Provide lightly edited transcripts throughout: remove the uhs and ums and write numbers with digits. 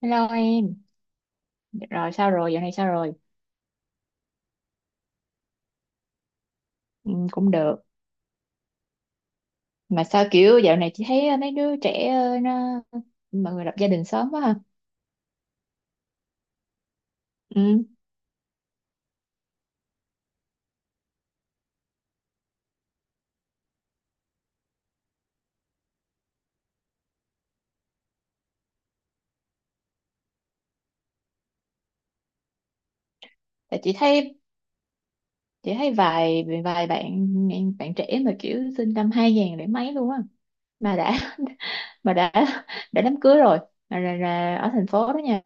Hello em, rồi sao rồi, dạo này sao rồi? Ừ, cũng được. Mà sao kiểu dạo này chị thấy mấy đứa trẻ nó mọi người lập gia đình sớm quá ha. Ừ. Tại chị thấy vài vài bạn bạn trẻ mà kiểu sinh năm 2000 để mấy luôn á mà đã mà đã đám cưới rồi mà là ở thành phố đó nha.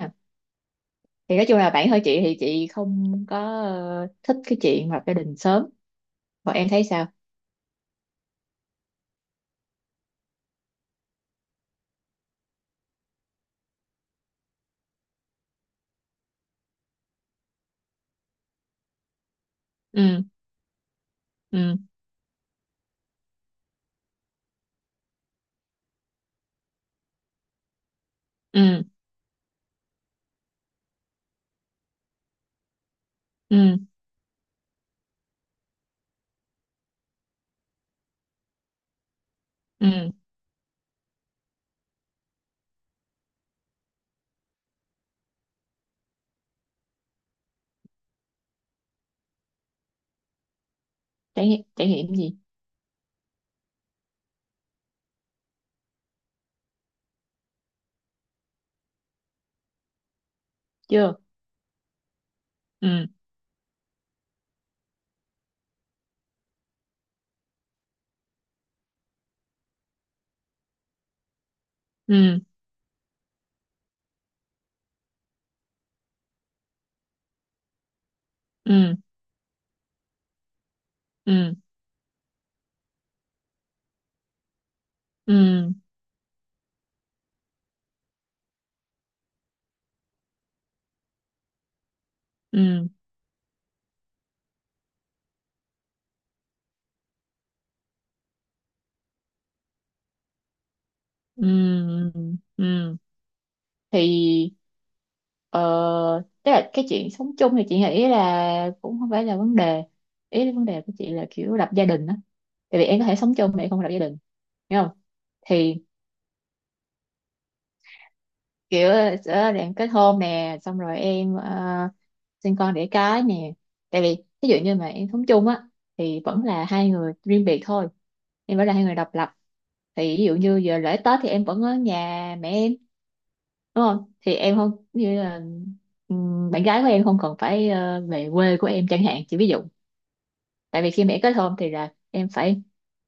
Thì nói chung là bạn hơi chị thì chị không có thích cái chuyện lập gia đình sớm. Còn em thấy sao? Ừ. Ừ. Ừ. Ừ. Ừ. Trải nghiệm gì? Chưa. Ừ. Ừ. Ừ. Ừ. Ừ. Ừ. Ừ. Ừ. Thì tức là cái chuyện sống chung thì chị nghĩ là cũng không phải là vấn đề, ý là vấn đề của chị là kiểu lập gia đình á. Tại vì em có thể sống chung mà em không lập gia đình, hiểu không? Thì kiểu sẽ làm kết hôn nè xong rồi em sinh con đẻ cái nè. Tại vì ví dụ như mà em sống chung á thì vẫn là hai người riêng biệt thôi, em vẫn là hai người độc lập. Thì ví dụ như giờ lễ Tết thì em vẫn ở nhà mẹ em đúng không, thì em không như là bạn gái của em không cần phải về quê của em chẳng hạn, chỉ ví dụ. Tại vì khi mà em kết hôn thì là em phải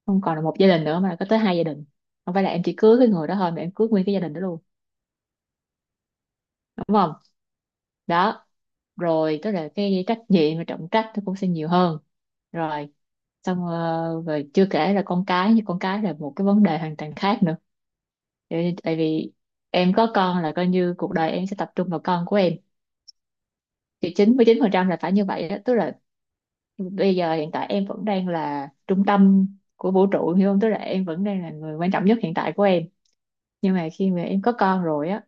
không còn là một gia đình nữa mà là có tới hai gia đình, không phải là em chỉ cưới cái người đó thôi mà em cưới nguyên cái gia đình đó luôn, đúng không. Đó. Rồi tức là cái trách nhiệm và trọng trách nó cũng sẽ nhiều hơn rồi. Xong rồi chưa kể là con cái, như con cái là một cái vấn đề hoàn toàn khác nữa. Tại tại vì em có con là coi như cuộc đời em sẽ tập trung vào con của em. Thì 99% là phải như vậy đó, tức là bây giờ hiện tại em vẫn đang là trung tâm của vũ trụ hiểu không, tức là em vẫn đang là người quan trọng nhất hiện tại của em. Nhưng mà khi mà em có con rồi á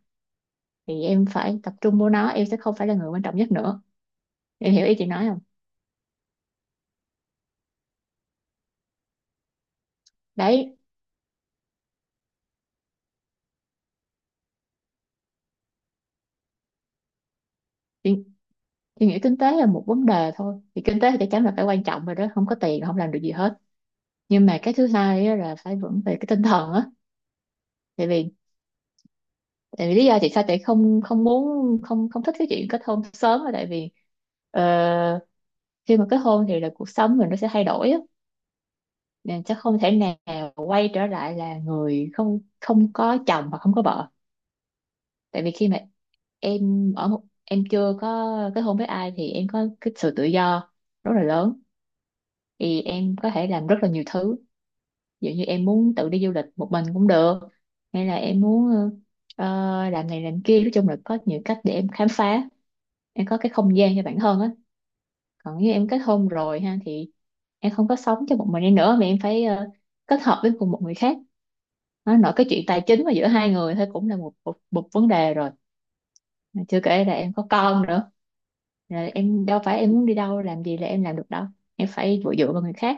thì em phải tập trung vô nó, em sẽ không phải là người quan trọng nhất nữa. Em hiểu ý chị nói không? Đấy. Chị nghĩ kinh tế là một vấn đề thôi, thì kinh tế thì chắc chắn là phải quan trọng rồi đó, không có tiền là không làm được gì hết. Nhưng mà cái thứ hai á là phải vững về cái tinh thần á. Tại vì tại vì lý do tại sao chị không không muốn không không thích cái chuyện kết hôn sớm là tại vì ờ, khi mà kết hôn thì là cuộc sống mình nó sẽ thay đổi á nên sẽ không thể nào quay trở lại là người không không có chồng hoặc không có vợ. Tại vì khi mà em ở một, em chưa có kết hôn với ai thì em có cái sự tự do rất là lớn. Thì em có thể làm rất là nhiều thứ. Ví dụ như em muốn tự đi du lịch một mình cũng được, hay là em muốn làm này làm kia, nói chung là có nhiều cách để em khám phá, em có cái không gian cho bản thân á. Còn như em kết hôn rồi ha thì em không có sống cho một mình em nữa mà em phải kết hợp với cùng một người khác. Nó nói cái chuyện tài chính mà giữa hai người thôi cũng là một một, một vấn đề rồi. Mà chưa kể là em có con nữa, là em đâu phải em muốn đi đâu làm gì là em làm được đâu, em phải dựa dựa vào người khác.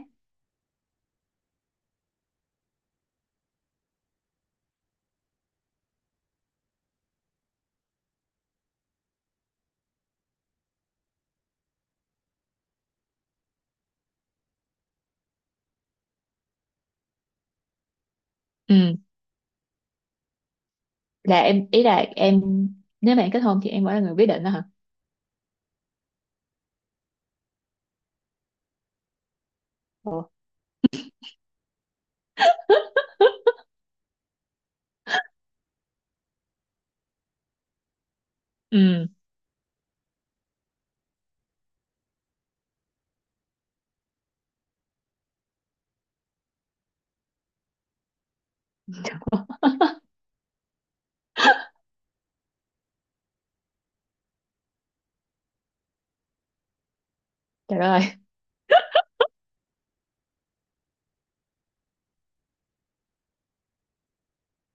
Ừ. Là em, ý là em nếu mà em kết hôn thì em vẫn là người quyết định đó hả? Ồ. Ừ. Trời ơi.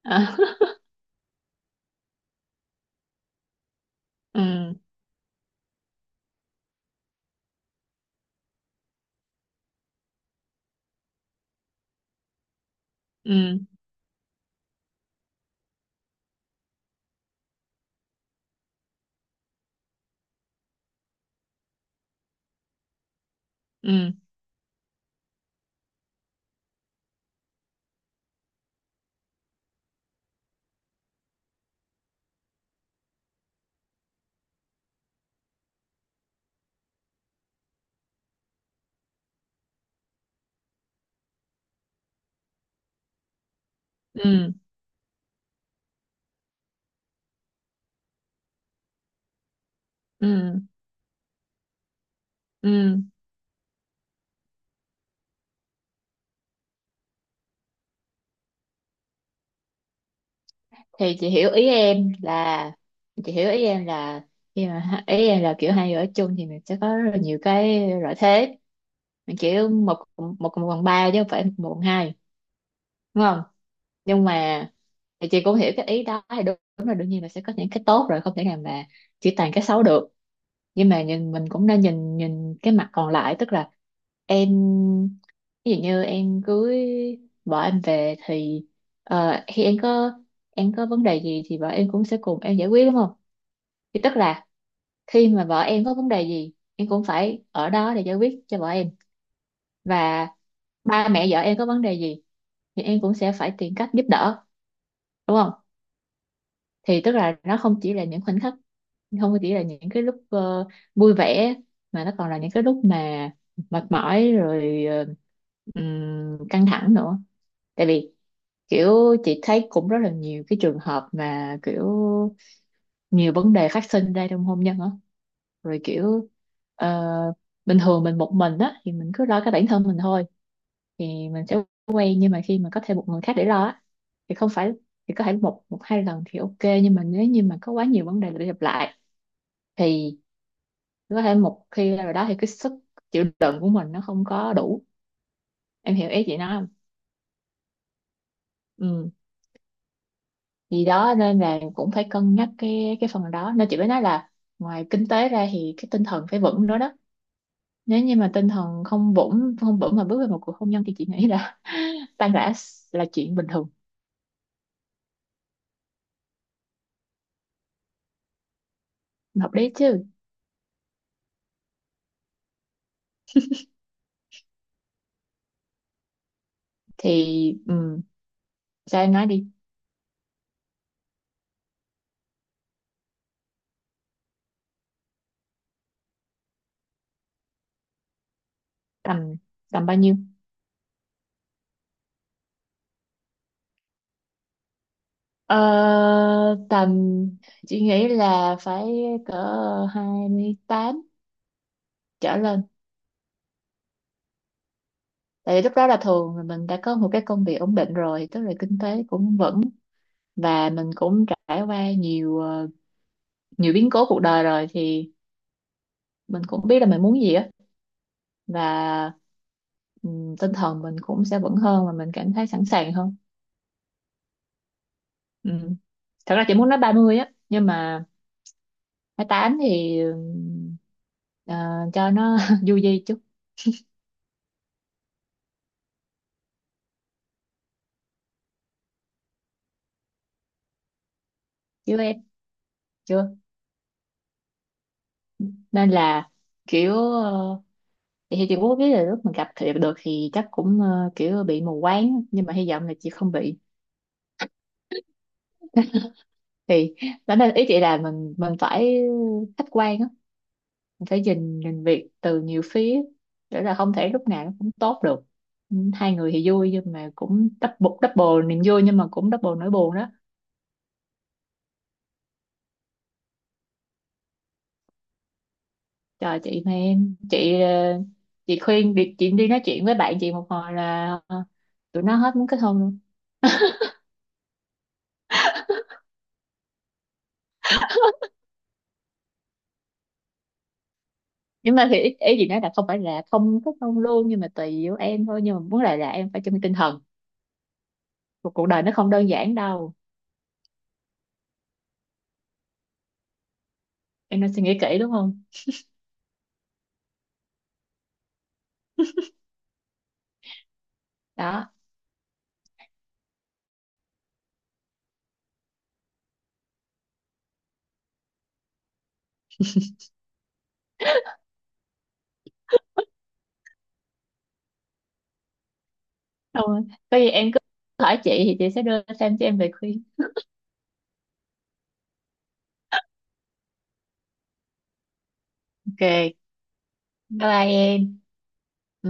À. Ừ. Ừ. Ừ. Ừ. Ừ. Ừ. Thì chị hiểu ý em là khi mà ý em là kiểu hai người ở chung thì mình sẽ có rất là nhiều cái lợi thế. Mình kiểu một một cộng một bằng ba chứ không phải một bằng hai, đúng không? Nhưng mà thì chị cũng hiểu cái ý đó thì đúng, đúng là đương nhiên là sẽ có những cái tốt rồi, không thể nào mà chỉ toàn cái xấu được. Nhưng mà nhìn mình cũng nên nhìn nhìn cái mặt còn lại, tức là em ví dụ như em cưới vợ em về thì khi em có vấn đề gì thì vợ em cũng sẽ cùng em giải quyết, đúng không? Thì tức là khi mà vợ em có vấn đề gì em cũng phải ở đó để giải quyết cho vợ em, và ba mẹ vợ em có vấn đề gì thì em cũng sẽ phải tìm cách giúp đỡ, đúng không? Thì tức là nó không chỉ là những khoảnh khắc, không chỉ là những cái lúc vui vẻ mà nó còn là những cái lúc mà mệt mỏi rồi căng thẳng nữa. Tại vì kiểu chị thấy cũng rất là nhiều cái trường hợp mà kiểu nhiều vấn đề phát sinh ra trong hôn nhân á, rồi kiểu ờ, bình thường mình một mình á thì mình cứ lo cái bản thân mình thôi. Thì mình sẽ quen nhưng mà khi mà có thêm một người khác để lo á thì không phải, thì có thể một một hai lần thì ok nhưng mà nếu như mà có quá nhiều vấn đề để gặp lại thì có thể một khi rồi đó thì cái sức chịu đựng của mình nó không có đủ. Em hiểu ý chị nói không? Ừ. Thì đó, nên là cũng phải cân nhắc cái phần đó, nên chị mới nói là ngoài kinh tế ra thì cái tinh thần phải vững nữa đó. Nếu như mà tinh thần không vững không vững mà bước vào một cuộc hôn nhân thì chị nghĩ là tan rã là chuyện bình thường. Hợp lý chứ. Thì sao em nói đi. Tầm. Tầm bao nhiêu. Ờ, Tầm chị nghĩ là phải cỡ 28 trở lên. Tại vì lúc đó là thường là mình đã có một cái công việc ổn định rồi, tức là kinh tế cũng vững, và mình cũng trải qua nhiều biến cố cuộc đời rồi thì mình cũng biết là mình muốn gì á. Và tinh thần mình cũng sẽ vững hơn và mình cảm thấy sẵn sàng hơn. Ừ. Thật ra chị muốn nói 30 á nhưng mà 28 thì ờ, cho nó vui vui chút. Chứ em chưa, nên là kiểu thì chị cũng biết là lúc mình gặp thì được thì chắc cũng kiểu bị mù quáng nhưng mà hy vọng là chị không bị. Thì đó nên ý chị là mình phải khách quan á, mình phải nhìn nhìn việc từ nhiều phía, để là không thể lúc nào nó cũng tốt được. Ừ, hai người thì vui nhưng mà cũng double double niềm vui nhưng mà cũng double nỗi buồn đó. Chờ chị, mà em chị chị khuyên đi, chị đi nói chuyện với bạn chị một hồi là tụi nó hết muốn kết hôn luôn. Nhưng mà thì ý chị nói là không phải là không kết hôn luôn nhưng mà tùy vô em thôi, nhưng mà muốn lại là em phải chuẩn bị tinh thần. Cuộc cuộc đời nó không đơn giản đâu. Em nên suy nghĩ kỹ đúng không. Đó. Không rồi, có gì em cứ hỏi chị thì chị sẽ đưa thêm cho em về khuyên. Ok bye. Bye em. Ừ.